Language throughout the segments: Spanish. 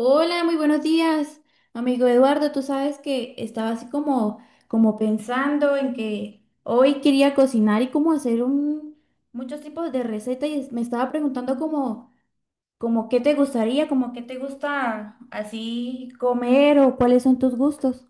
Hola, muy buenos días, amigo Eduardo. Tú sabes que estaba así como, como pensando en que hoy quería cocinar y como hacer un, muchos tipos de recetas y me estaba preguntando como, como qué te gustaría, como qué te gusta así comer o cuáles son tus gustos.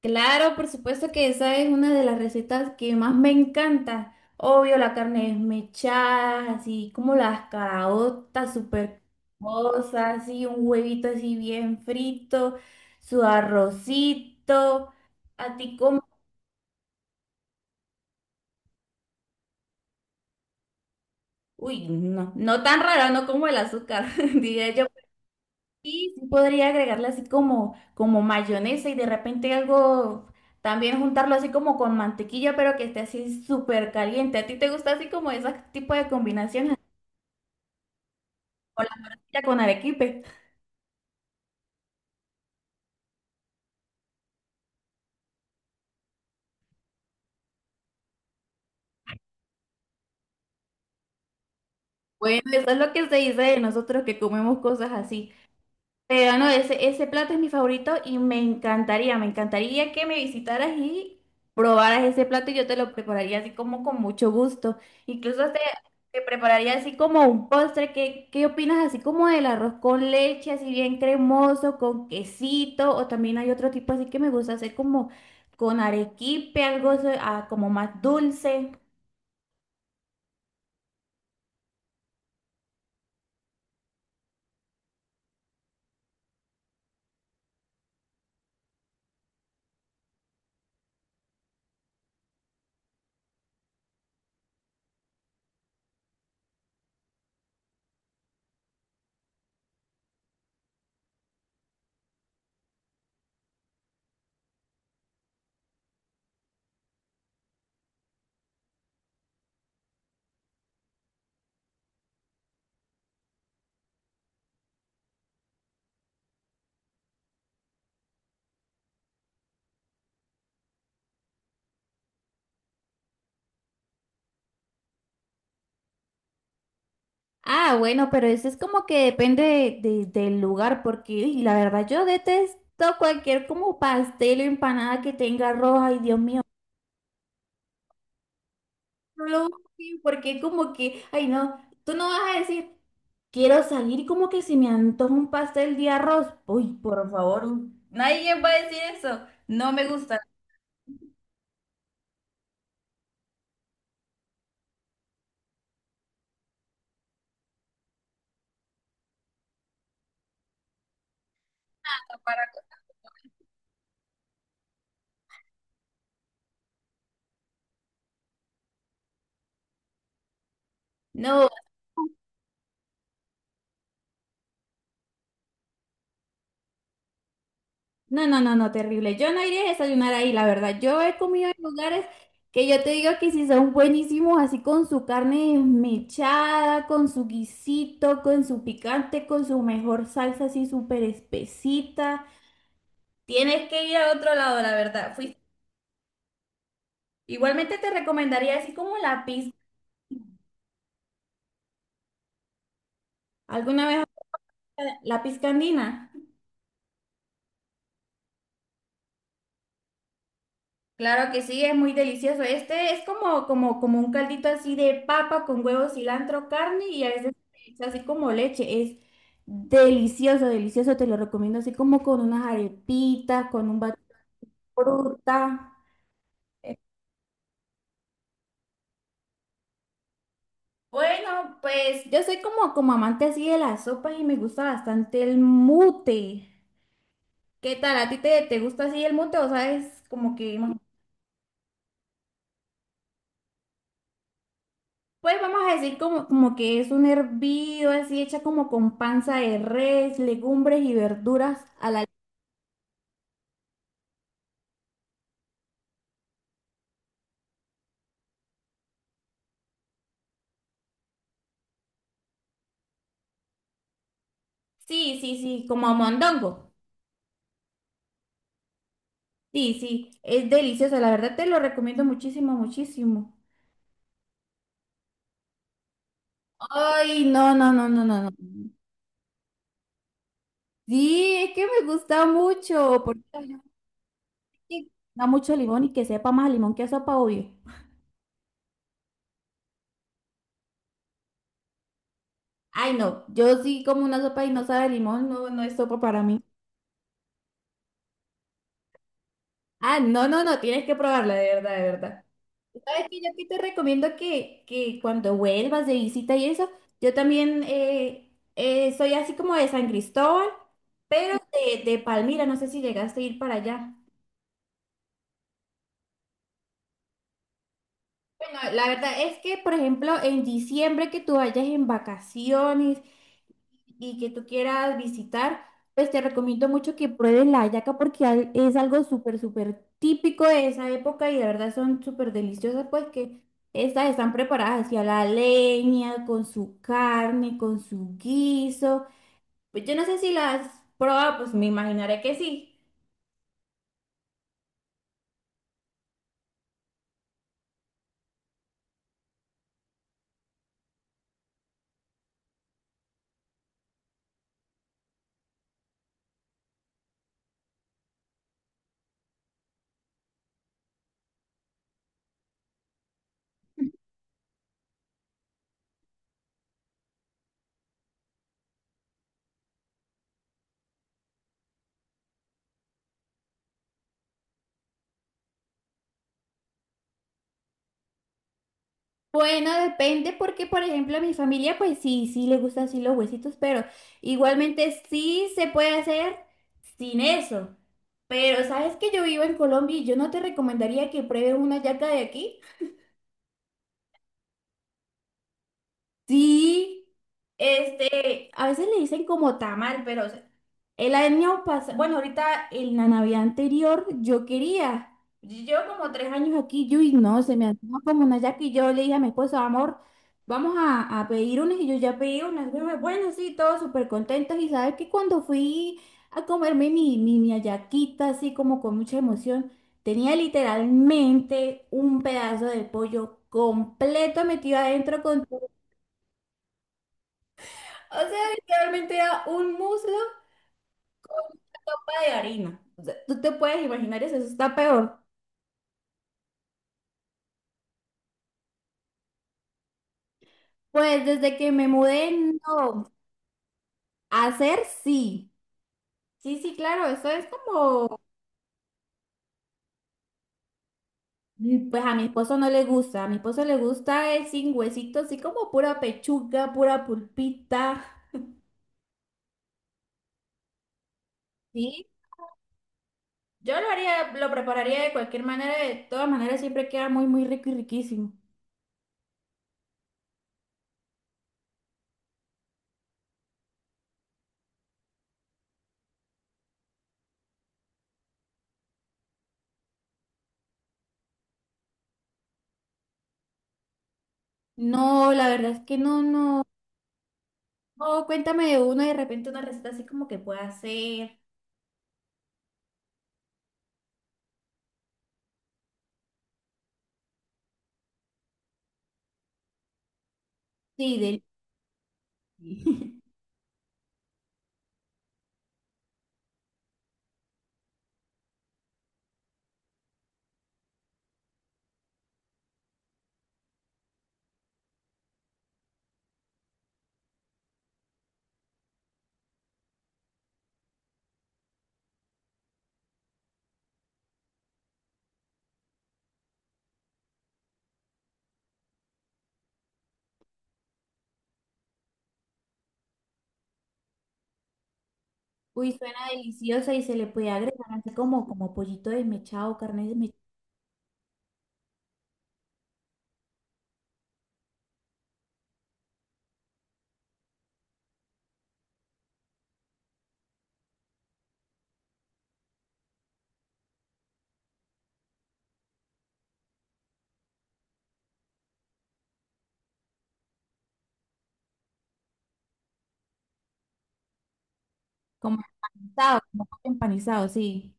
Claro, por supuesto que esa es una de las recetas que más me encanta. Obvio, la carne desmechada, así como las caraotas súper cosas, así un huevito así bien frito, su arrocito, a ti como... Uy, no, no tan raro, no como el azúcar, diría yo. Y sí podría agregarle así como, como mayonesa y de repente algo, también juntarlo así como con mantequilla, pero que esté así súper caliente. ¿A ti te gusta así como ese tipo de combinaciones? O la morcilla con arequipe. Bueno, eso es lo que se dice de nosotros que comemos cosas así. Pero no, ese plato es mi favorito y me encantaría que me visitaras y probaras ese plato y yo te lo prepararía así como con mucho gusto. Incluso te, te prepararía así como un postre. ¿Qué, qué opinas así como del arroz con leche, así bien cremoso, con quesito? O también hay otro tipo así que me gusta hacer como con arequipe, algo así, ah, como más dulce. Ah, bueno, pero eso es como que depende del lugar, porque uy, la verdad yo detesto cualquier como pastel o empanada que tenga arroz, ay Dios mío, no lo odio, porque como que, ay no, tú no vas a decir, quiero salir y como que se me antoja un pastel de arroz, uy, por favor, nadie va a decir eso, no me gusta. No, para- no, no, no, no, terrible. Yo no iría a desayunar ahí, la verdad. Yo he comido en lugares que yo te digo que sí son buenísimos, así con su carne desmechada, con su guisito, con su picante, con su mejor salsa así súper espesita. Tienes que ir a otro lado, la verdad. Igualmente te recomendaría así como la pizca. ¿Alguna vez la pizca andina? Claro que sí, es muy delicioso. Este es como, como, como un caldito así de papa con huevo, cilantro, carne y a veces le echa así como leche. Es delicioso, delicioso. Te lo recomiendo así como con unas arepitas, con un batido de fruta. Eh, Bueno, pues yo soy como, como amante así de las sopas y me gusta bastante el mute. ¿Qué tal? ¿A ti te gusta así el mute o sabes como que más? Pues vamos a decir como, como que es un hervido así hecha como con panza de res, legumbres y verduras a la... Sí, sí, sí, como mondongo. Sí, sí, es delicioso, la verdad te lo recomiendo muchísimo, muchísimo. Ay, no, no, no, no, no, no. Sí, es que me gusta mucho, porque me da mucho limón y que sepa más a limón que a sopa, obvio. Ay, no, yo sí como una sopa y no sabe a limón, no, no es sopa para mí. Ah, no, no, no, tienes que probarla, de verdad, de verdad. ¿Sabes qué? Yo aquí te recomiendo que cuando vuelvas de visita y eso, yo también soy así como de San Cristóbal, pero de Palmira, no sé si llegaste a ir para allá. Bueno, la verdad es que, por ejemplo, en diciembre que tú vayas en vacaciones y que tú quieras visitar, pues te recomiendo mucho que pruebes la hallaca porque es algo súper, súper típico de esa época y de verdad son súper deliciosas, pues que estas están preparadas hacia la leña, con su carne, con su guiso. Pues yo no sé si las pruebas, pues me imaginaré que sí. Bueno, depende porque, por ejemplo, a mi familia, pues sí, sí le gustan así los huesitos, pero igualmente sí se puede hacer sin eso. Pero sabes que yo vivo en Colombia y yo no te recomendaría que pruebes una yaca de aquí. Sí. Este, a veces le dicen como tamal, pero o sea, el año pasado, bueno, ahorita en la Navidad anterior yo quería, yo llevo como tres años aquí, yo y no, se me antoja como una yaca y yo le dije a mi esposo, amor, a pedir unas y yo ya pedí unas, bueno, bueno, sí, todos súper contentos y sabes que cuando fui a comerme mi hallaquita así como con mucha emoción, tenía literalmente un pedazo de pollo completo metido adentro con... O sea, literalmente era un muslo con una copa de harina. O sea, tú te puedes imaginar eso, eso está peor. Pues desde que me mudé, no. Hacer sí. Sí, sí, claro, eso es como, mm, pues a mi esposo no le gusta. A mi esposo le gusta es sin huesito, así como pura pechuga, pura pulpita. Sí. Yo lo haría, lo prepararía de cualquier manera, de todas maneras siempre queda muy, muy rico y riquísimo. No, la verdad es que no, no. O cuéntame de uno y de repente una receta así como que pueda hacer. Sí, del... Uy, suena deliciosa y se le puede agregar así como, como pollito desmechado, carne desmechada, como empanizado, como pollo empanizado, sí.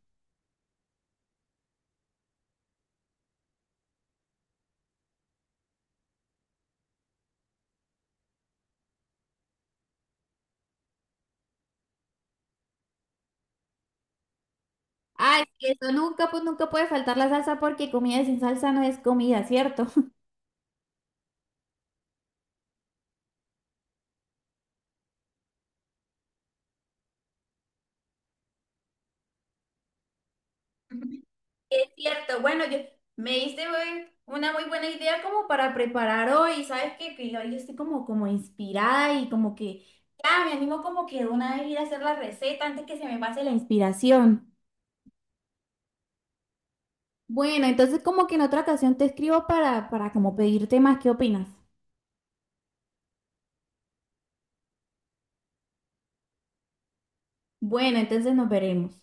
Ay, que eso nunca, pues nunca puede faltar la salsa porque comida sin salsa no es comida, ¿cierto? Es cierto, bueno, yo, me diste una muy buena idea como para preparar hoy, ¿sabes qué? Que hoy estoy como, como inspirada y como que ya me animo como que de una vez ir a hacer la receta antes que se me pase la inspiración. Bueno, entonces como que en otra ocasión te escribo para como pedirte más, ¿qué opinas? Bueno, entonces nos veremos.